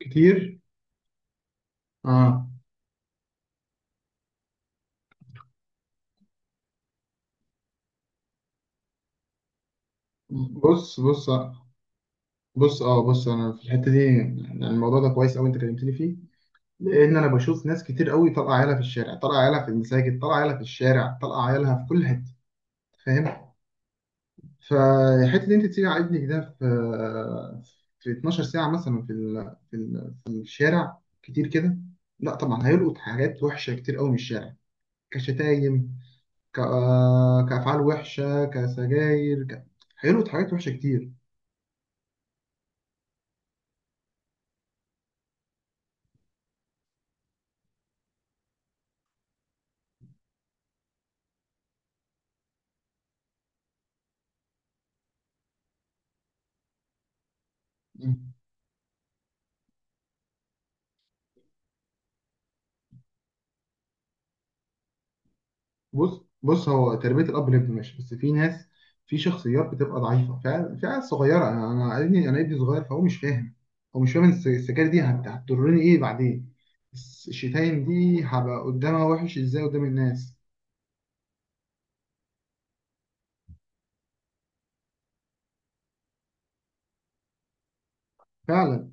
كتير. اه بص بص بص اه بص، انا في الحته دي، يعني الموضوع ده كويس قوي انت كلمتني فيه. لان انا بشوف ناس كتير قوي طالعه عيالها في الشارع، طالعه عيالها في المساجد، طالعه عيالها في الشارع، طالعه عيالها في كل حته، فاهم؟ فالحته دي انت تسيب ابنك ده في 12 ساعه مثلا في الشارع كتير كده. لا طبعا هيلقط حاجات وحشه كتير قوي من الشارع، كشتايم، ك... آه، كافعال وحشه، كسجاير، هيلقط حاجات وحشه كتير. بص، هو تربية الأب والابن ماشي، بس في ناس، في شخصيات بتبقى ضعيفة، في عيال صغيرة. أنا أنا ابني أنا ابني صغير، فهو مش فاهم. هو مش فاهم السكاكين دي هتضرني إيه بعدين. الشتايم دي هبقى قدامها وحش إزاي قدام الناس. فعلا.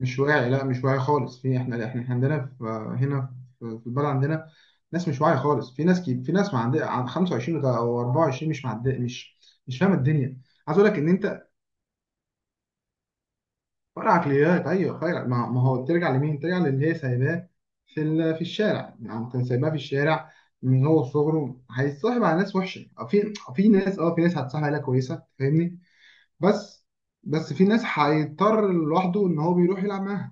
مش واعي، لا مش واعي خالص. في إحنا عندنا في هنا، في البلد عندنا ناس مش واعية خالص. في ناس، في ناس ما عندها، عند 25 أو 24، مش معد مش مش فاهمة الدنيا. عايز أقول لك إن أنت، فرق عقليات، ايوه فرق. ما ما هو ترجع لمين؟ ترجع للي هي سايباه في الشارع، يعني كان سايباه في الشارع من هو صغره، هيتصاحب على ناس وحشه. في ناس، اه في ناس هتصاحب عليها كويسه، فاهمني. بس بس في ناس هيضطر لوحده ان هو بيروح يلعب معاها.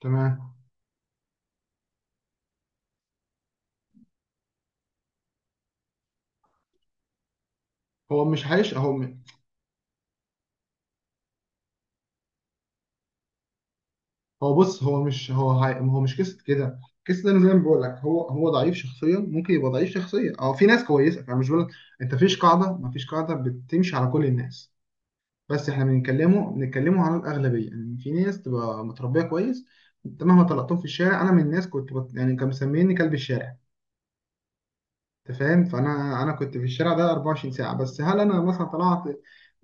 تمام. هو مش هيش هو م- هو بص هو مش هو مش قصه كده. قصه ده، انا زي ما بقول لك، هو ضعيف شخصيا، ممكن يبقى ضعيف شخصيا. اه في ناس كويسه، انا مش بقول لك، انت فيش قاعده، ما فيش قاعده بتمشي على كل الناس. بس احنا بنتكلموا عن الاغلبيه، يعني في ناس تبقى متربيه كويس. انت مهما طلقتهم في الشارع، انا من الناس كنت يعني كانوا مسميني كلب الشارع. انت فاهم؟ فانا، انا كنت في الشارع ده 24 ساعه. بس هل انا مثلا طلعت،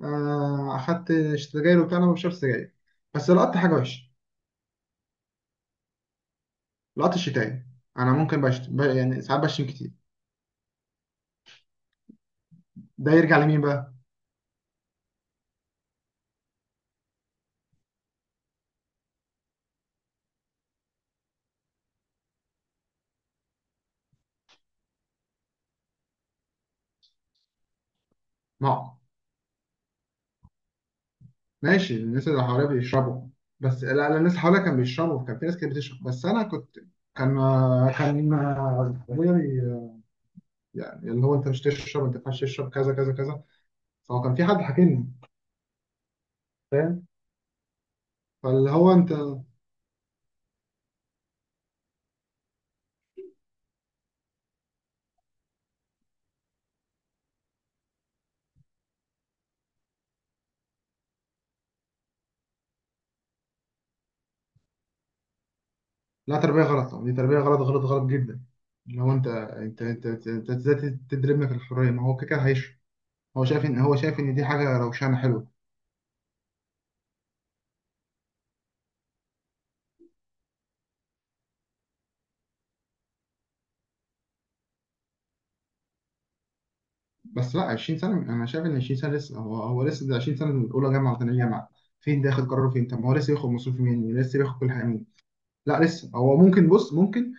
اخدت سجاير وبتاع؟ انا ما بشربش سجاير، بس لقطت حاجه وحشه، لقطت الشتايم. انا ممكن يعني ساعات بشتم كتير. ده يرجع لمين بقى؟ معه. ماشي، الناس اللي حواليا بيشربوا. بس لا لا، الناس حواليا كان بيشربوا، كان في ناس كانت بتشرب، بس انا كنت، كان كان ابويا يعني اللي هو انت مش تشرب، انت ما ينفعش تشرب كذا كذا كذا، فهو كان في حد حاكمني، فاهم؟ فاللي هو انت. لا تربيه غلط، دي تربيه غلط غلط غلط جدا. اللي هو انت ازاي تدربنا في الحريه؟ ما هو كده كده هيشرب، هو شايف ان دي حاجه روشانه حلوه. بس لا، 20 سنة، أنا شايف إن 20 سنة لسه، هو لسه، ده 20 سنة، من أولى جامعة وثانية جامعة، فين ده ياخد قراره فين؟ طب ما هو لسه بياخد مصروف منين، لسه بياخد كل حاجة منين؟ لا لسه هو ممكن، بص ممكن،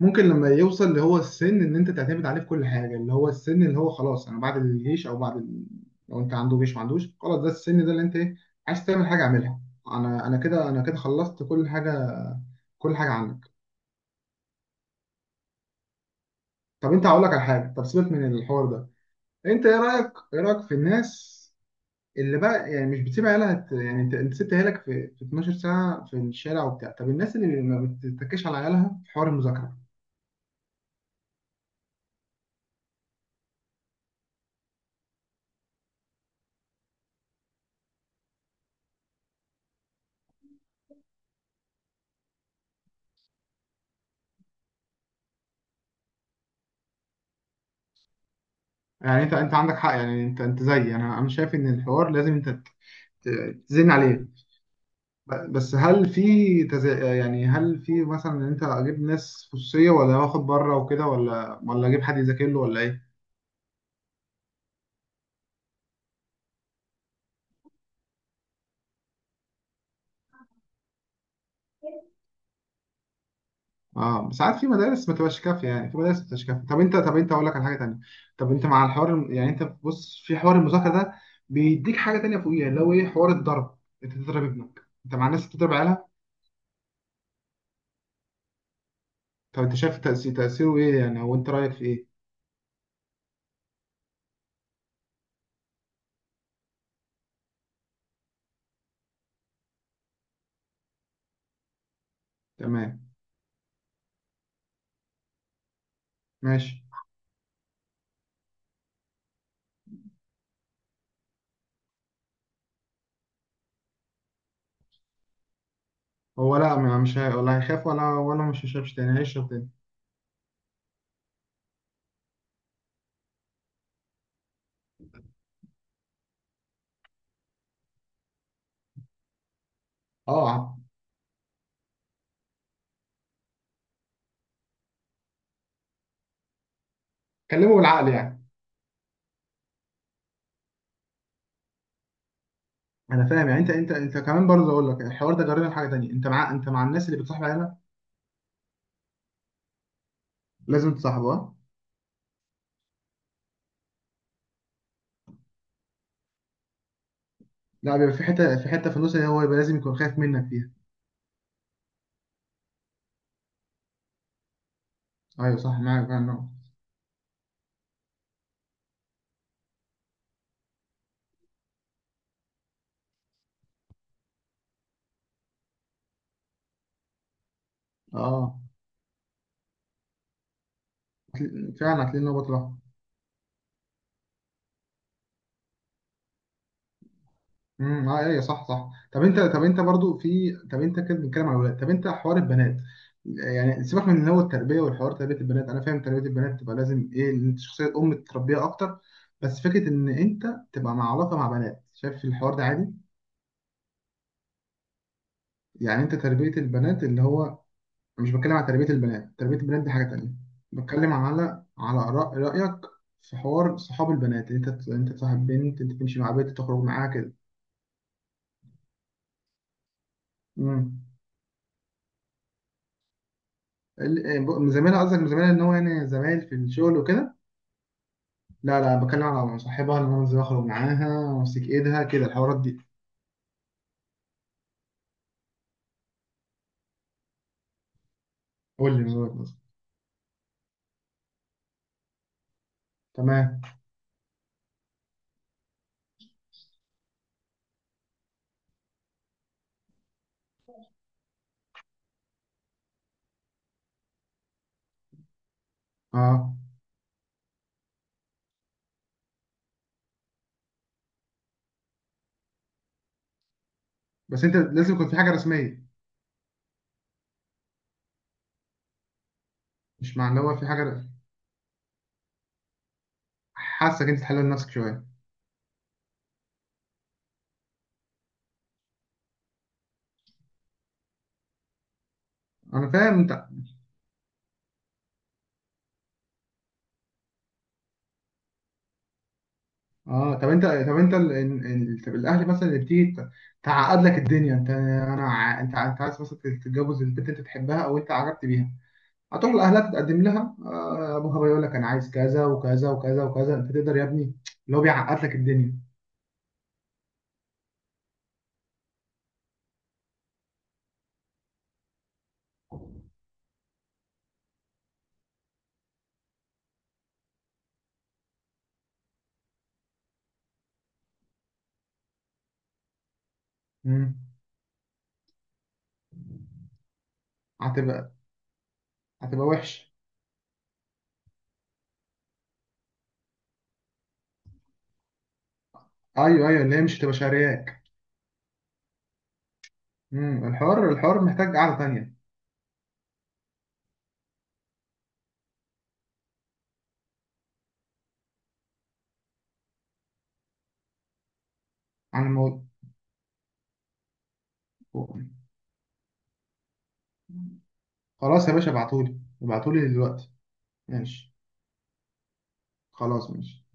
لما يوصل اللي هو السن إن أنت تعتمد عليه في كل حاجة، اللي هو السن اللي هو خلاص، أنا بعد الجيش أو بعد لو أنت عنده جيش، ما عندوش خلاص، ده السن ده اللي أنت إيه، عايز تعمل حاجة اعملها. أنا كده خلصت كل حاجة، كل حاجة عنك. طب أنت هقول لك على حاجة، طب سيبك من الحوار ده. أنت إيه رأيك، إيه رأيك في الناس اللي بقى يعني مش بتسيب عيالها، يعني انت سبت عيالك في 12 ساعه في الشارع وبتاع. طب الناس اللي ما بتتكش على عيالها في حوار المذاكره؟ يعني انت عندك حق، يعني انت زيي، انا شايف ان الحوار لازم انت ت- تزن عليه. بس هل في يعني هل في مثلا ان انت اجيب ناس خصوصيه، ولا واخد بره وكده، ولا اجيب حد يذاكر له، ولا ايه؟ اه بس عارف، في مدارس ما تبقاش كافيه، يعني في مدارس ما تبقاش كافيه. طب انت، اقول لك على حاجه تانيه. طب انت مع الحوار، يعني انت بص، في حوار المذاكره ده بيديك حاجه تانيه فوقيها، اللي هو ايه، حوار الضرب. انت تضرب ابنك، انت مع الناس بتضرب عيالها؟ طب انت شايف تأثير، تأثيره ايه يعني، او انت رايك في ايه؟ تمام ماشي. هو لا، ما- مش هي... ولا هيخاف، ولا مش هيشربش تاني، هيشرب تاني. اه، كلمه بالعقل يعني. انا فاهم، يعني انت كمان برضه اقول لك الحوار ده جربنا حاجه تانيه. انت مع، الناس اللي بتصاحب عيالها لازم تصاحبها. لا بيبقى في حته، في النص، اللي هو يبقى لازم يكون خايف منك فيها. ايوه صح، معاك فعلا. اه، فعلا هتلاقي ان هو بطل. اه ايوه صح صح. طب انت، برضو في، طب انت كده بنتكلم على الولاد، طب انت حوار البنات. يعني سيبك من اللي هو التربيه والحوار، تربيه البنات انا فاهم، تربيه البنات تبقى لازم ايه، ان انت شخصيه ام تربيها اكتر. بس فكره ان انت تبقى مع علاقه مع بنات، شايف الحوار ده عادي؟ يعني انت تربيه البنات اللي هو، مش بتكلم على تربية البنات، تربية البنات دي حاجة تانية، بتكلم على، آراء، رأيك في حوار صحاب البنات، إن انت تصاحب بنت، انت تمشي مع بنت، تخرج معاها كده. امم من زميلها قصدك؟ من زميلها ان هو يعني زمايل في الشغل وكده؟ لا لا، بتكلم على صاحبها اللي انا بنزل اخرج معاها وامسك ايدها كده، الحوارات دي. قول لي من وجهة نظرك. تمام. اه بس انت لازم يكون في حاجة رسمية. مش معنى هو في حاجة، حاسك انت تحلل نفسك شوية. انا فاهم. اه طب انت، طب الاهل مثلا اللي بتيجي تعقد لك الدنيا. انت، انا ع- انت ع- انت عايز مثلا تتجوز البنت، انت تحبها او انت عجبت بيها، هتروح لاهلها تتقدم لها. ابوها بقى يقول لك انا عايز كذا وكذا وكذا وكذا، انت تقدر يا ابني، اللي هو بيعقد لك الدنيا. امم هتبقى هتبقى وحش. ايوه ايوه، اللي هي مش هتبقى شارياك. الحوار محتاج قعده تانيه. عن الموضوع. خلاص يا باشا، ابعتولي، دلوقتي. ماشي خلاص ماشي.